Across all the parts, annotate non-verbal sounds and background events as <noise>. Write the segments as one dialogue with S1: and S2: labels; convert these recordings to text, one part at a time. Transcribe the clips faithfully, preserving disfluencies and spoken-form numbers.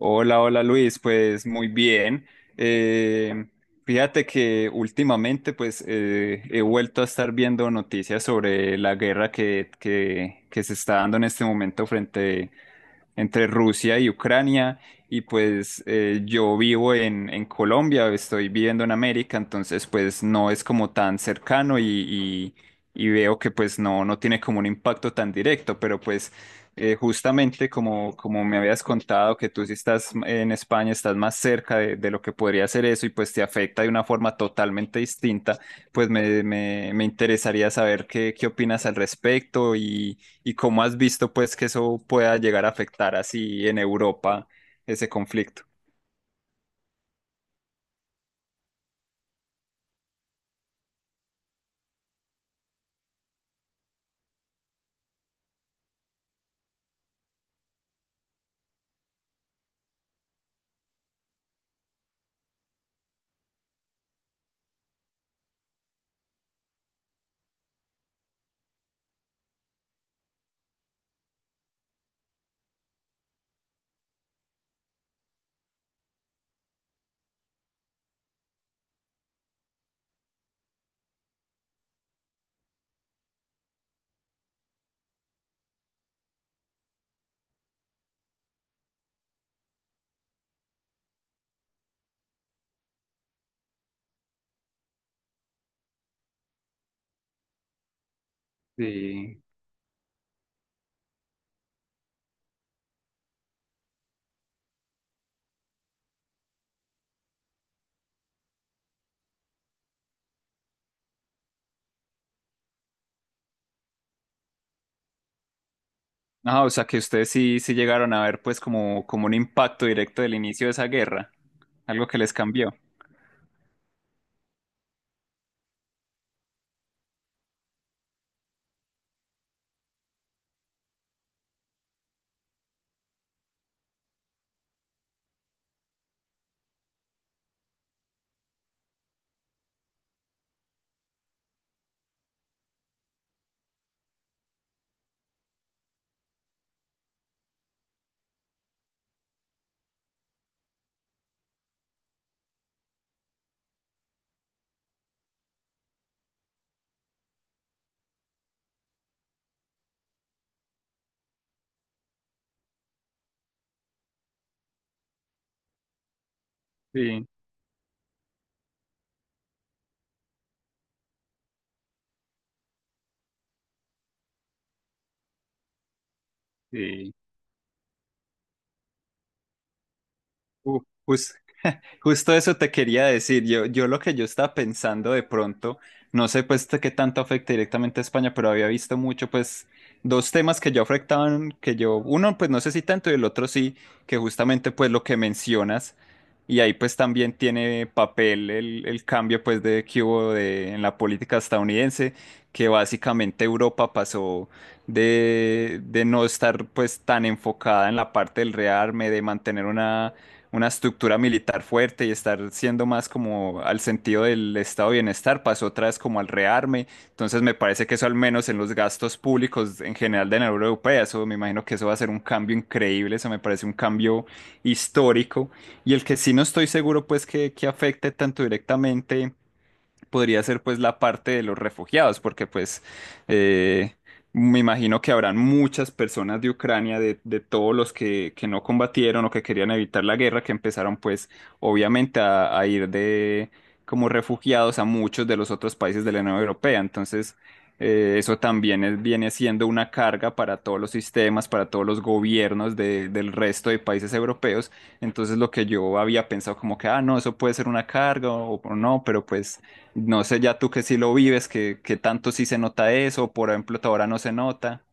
S1: Hola, hola Luis, pues muy bien. Eh, Fíjate que últimamente pues eh, he vuelto a estar viendo noticias sobre la guerra que, que, que se está dando en este momento frente entre Rusia y Ucrania. Y pues eh, yo vivo en, en Colombia, estoy viviendo en América, entonces pues no es como tan cercano y, y, y veo que pues no, no tiene como un impacto tan directo, pero pues... Eh, justamente como, como me habías contado que tú si estás en España, estás más cerca de, de lo que podría ser eso y pues te afecta de una forma totalmente distinta, pues me, me, me interesaría saber qué, qué opinas al respecto y, y cómo has visto pues que eso pueda llegar a afectar así en Europa ese conflicto. Sí. Ah, o sea que ustedes sí, sí llegaron a ver pues como, como un impacto directo del inicio de esa guerra, algo que les cambió. Sí, sí. Uh, jus- <laughs> justo eso te quería decir. Yo, yo lo que yo estaba pensando de pronto, no sé pues de qué tanto afecta directamente a España, pero había visto mucho pues dos temas que yo afectaban, que yo, uno pues no sé si tanto y el otro sí, que justamente pues lo que mencionas. Y ahí pues también tiene papel el, el cambio pues de que hubo de, en la política estadounidense, que básicamente Europa pasó de, de no estar pues tan enfocada en la parte del rearme, de mantener una una estructura militar fuerte y estar siendo más como al sentido del estado de bienestar, pasó otra vez como al rearme. Entonces me parece que eso al menos en los gastos públicos en general de la Unión Europea, eso me imagino que eso va a ser un cambio increíble, eso me parece un cambio histórico. Y el que sí no estoy seguro pues que, que afecte tanto directamente podría ser pues la parte de los refugiados, porque pues eh, me imagino que habrán muchas personas de Ucrania, de, de todos los que, que no combatieron o que querían evitar la guerra, que empezaron pues obviamente a, a ir de como refugiados a muchos de los otros países de la Unión Europea. Entonces, eh, eso también es- viene siendo una carga para todos los sistemas, para todos los gobiernos de- del resto de países europeos. Entonces, lo que yo había pensado como que, ah, no, eso puede ser una carga o o no, pero pues... No sé ya tú que sí lo vives, que, que tanto sí se nota eso, por ejemplo, ahora no se nota,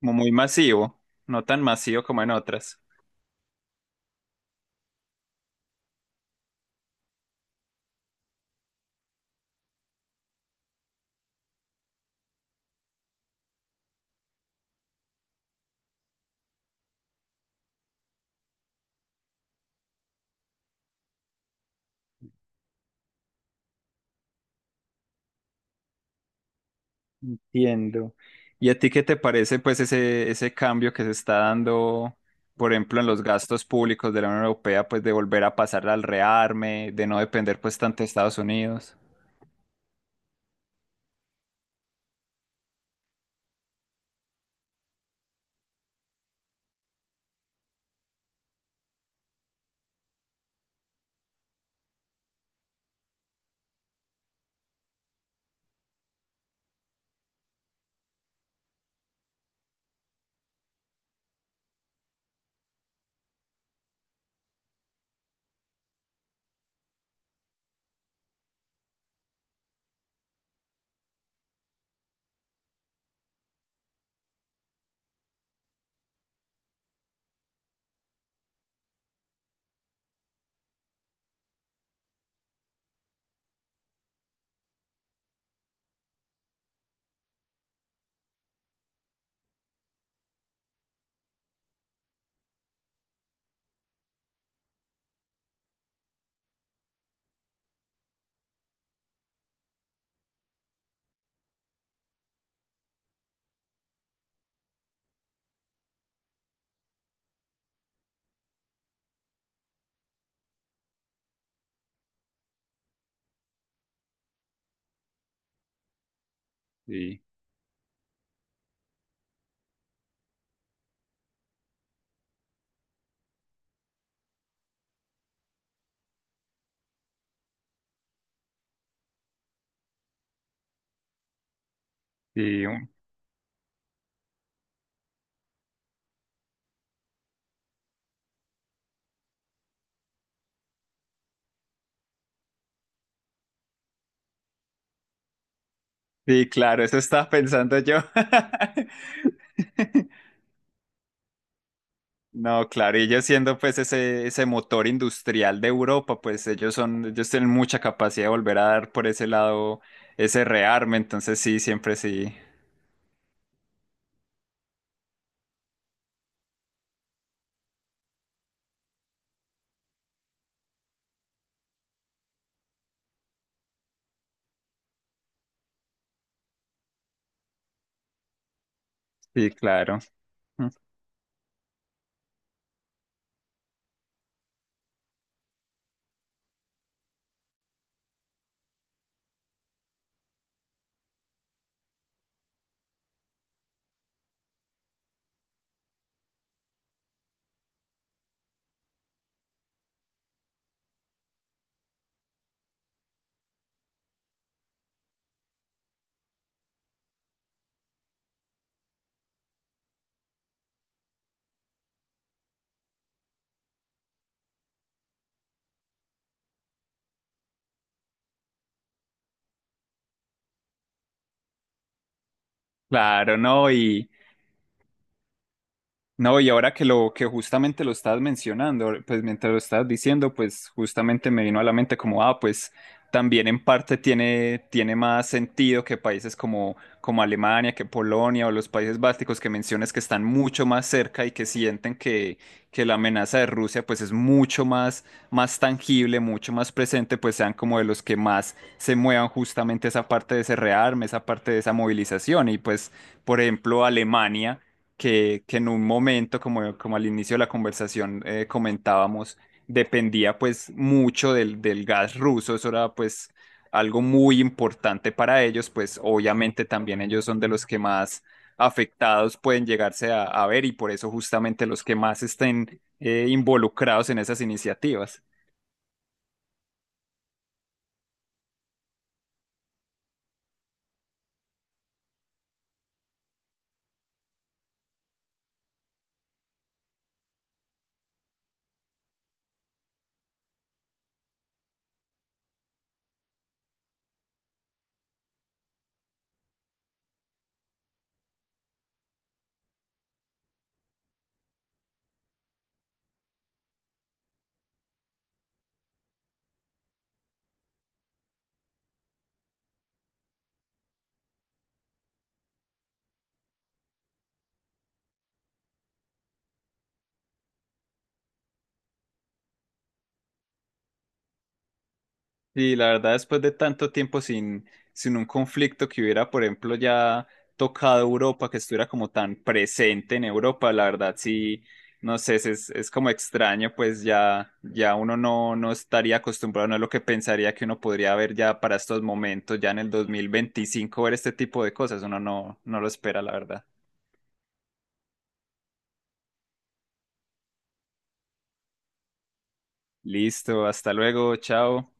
S1: como muy masivo, no tan masivo como en otras. Entiendo. ¿Y a ti qué te parece pues ese, ese cambio que se está dando, por ejemplo, en los gastos públicos de la Unión Europea, pues de volver a pasar al rearme, de no depender pues tanto de Estados Unidos? Sí, sí, un- sí, claro, eso estaba pensando yo. <laughs> No, claro, y ellos siendo pues ese, ese motor industrial de Europa, pues ellos son, ellos tienen mucha capacidad de volver a dar por ese lado ese rearme, entonces sí, siempre sí, sí, claro. Mm, claro, no, y, no, y ahora que lo que justamente lo estás mencionando, pues mientras lo estás diciendo, pues justamente me vino a la mente como, ah, pues también en parte tiene, tiene más sentido que países como, como Alemania, que Polonia o los países bálticos que mencionas que están mucho más cerca y que sienten que, que la amenaza de Rusia pues es mucho más, más tangible, mucho más presente, pues sean como de los que más se muevan justamente esa parte de ese rearme, esa parte de esa movilización. Y pues, por ejemplo, Alemania que, que en un momento, como, como al inicio de la conversación eh, comentábamos, dependía pues mucho del, del gas ruso, eso era pues algo muy importante para ellos, pues obviamente también ellos son de los que más afectados pueden llegarse a, a ver y por eso justamente los que más estén eh, involucrados en esas iniciativas. Sí, la verdad, después de tanto tiempo sin, sin un conflicto que hubiera, por ejemplo, ya tocado Europa, que estuviera como tan presente en Europa, la verdad sí, no sé, es, es es como extraño, pues ya, ya uno no, no estaría acostumbrado, no es lo que pensaría que uno podría ver ya para estos momentos, ya en el dos mil veinticinco ver este tipo de cosas, uno no, no lo espera, la verdad. Listo, hasta luego, chao.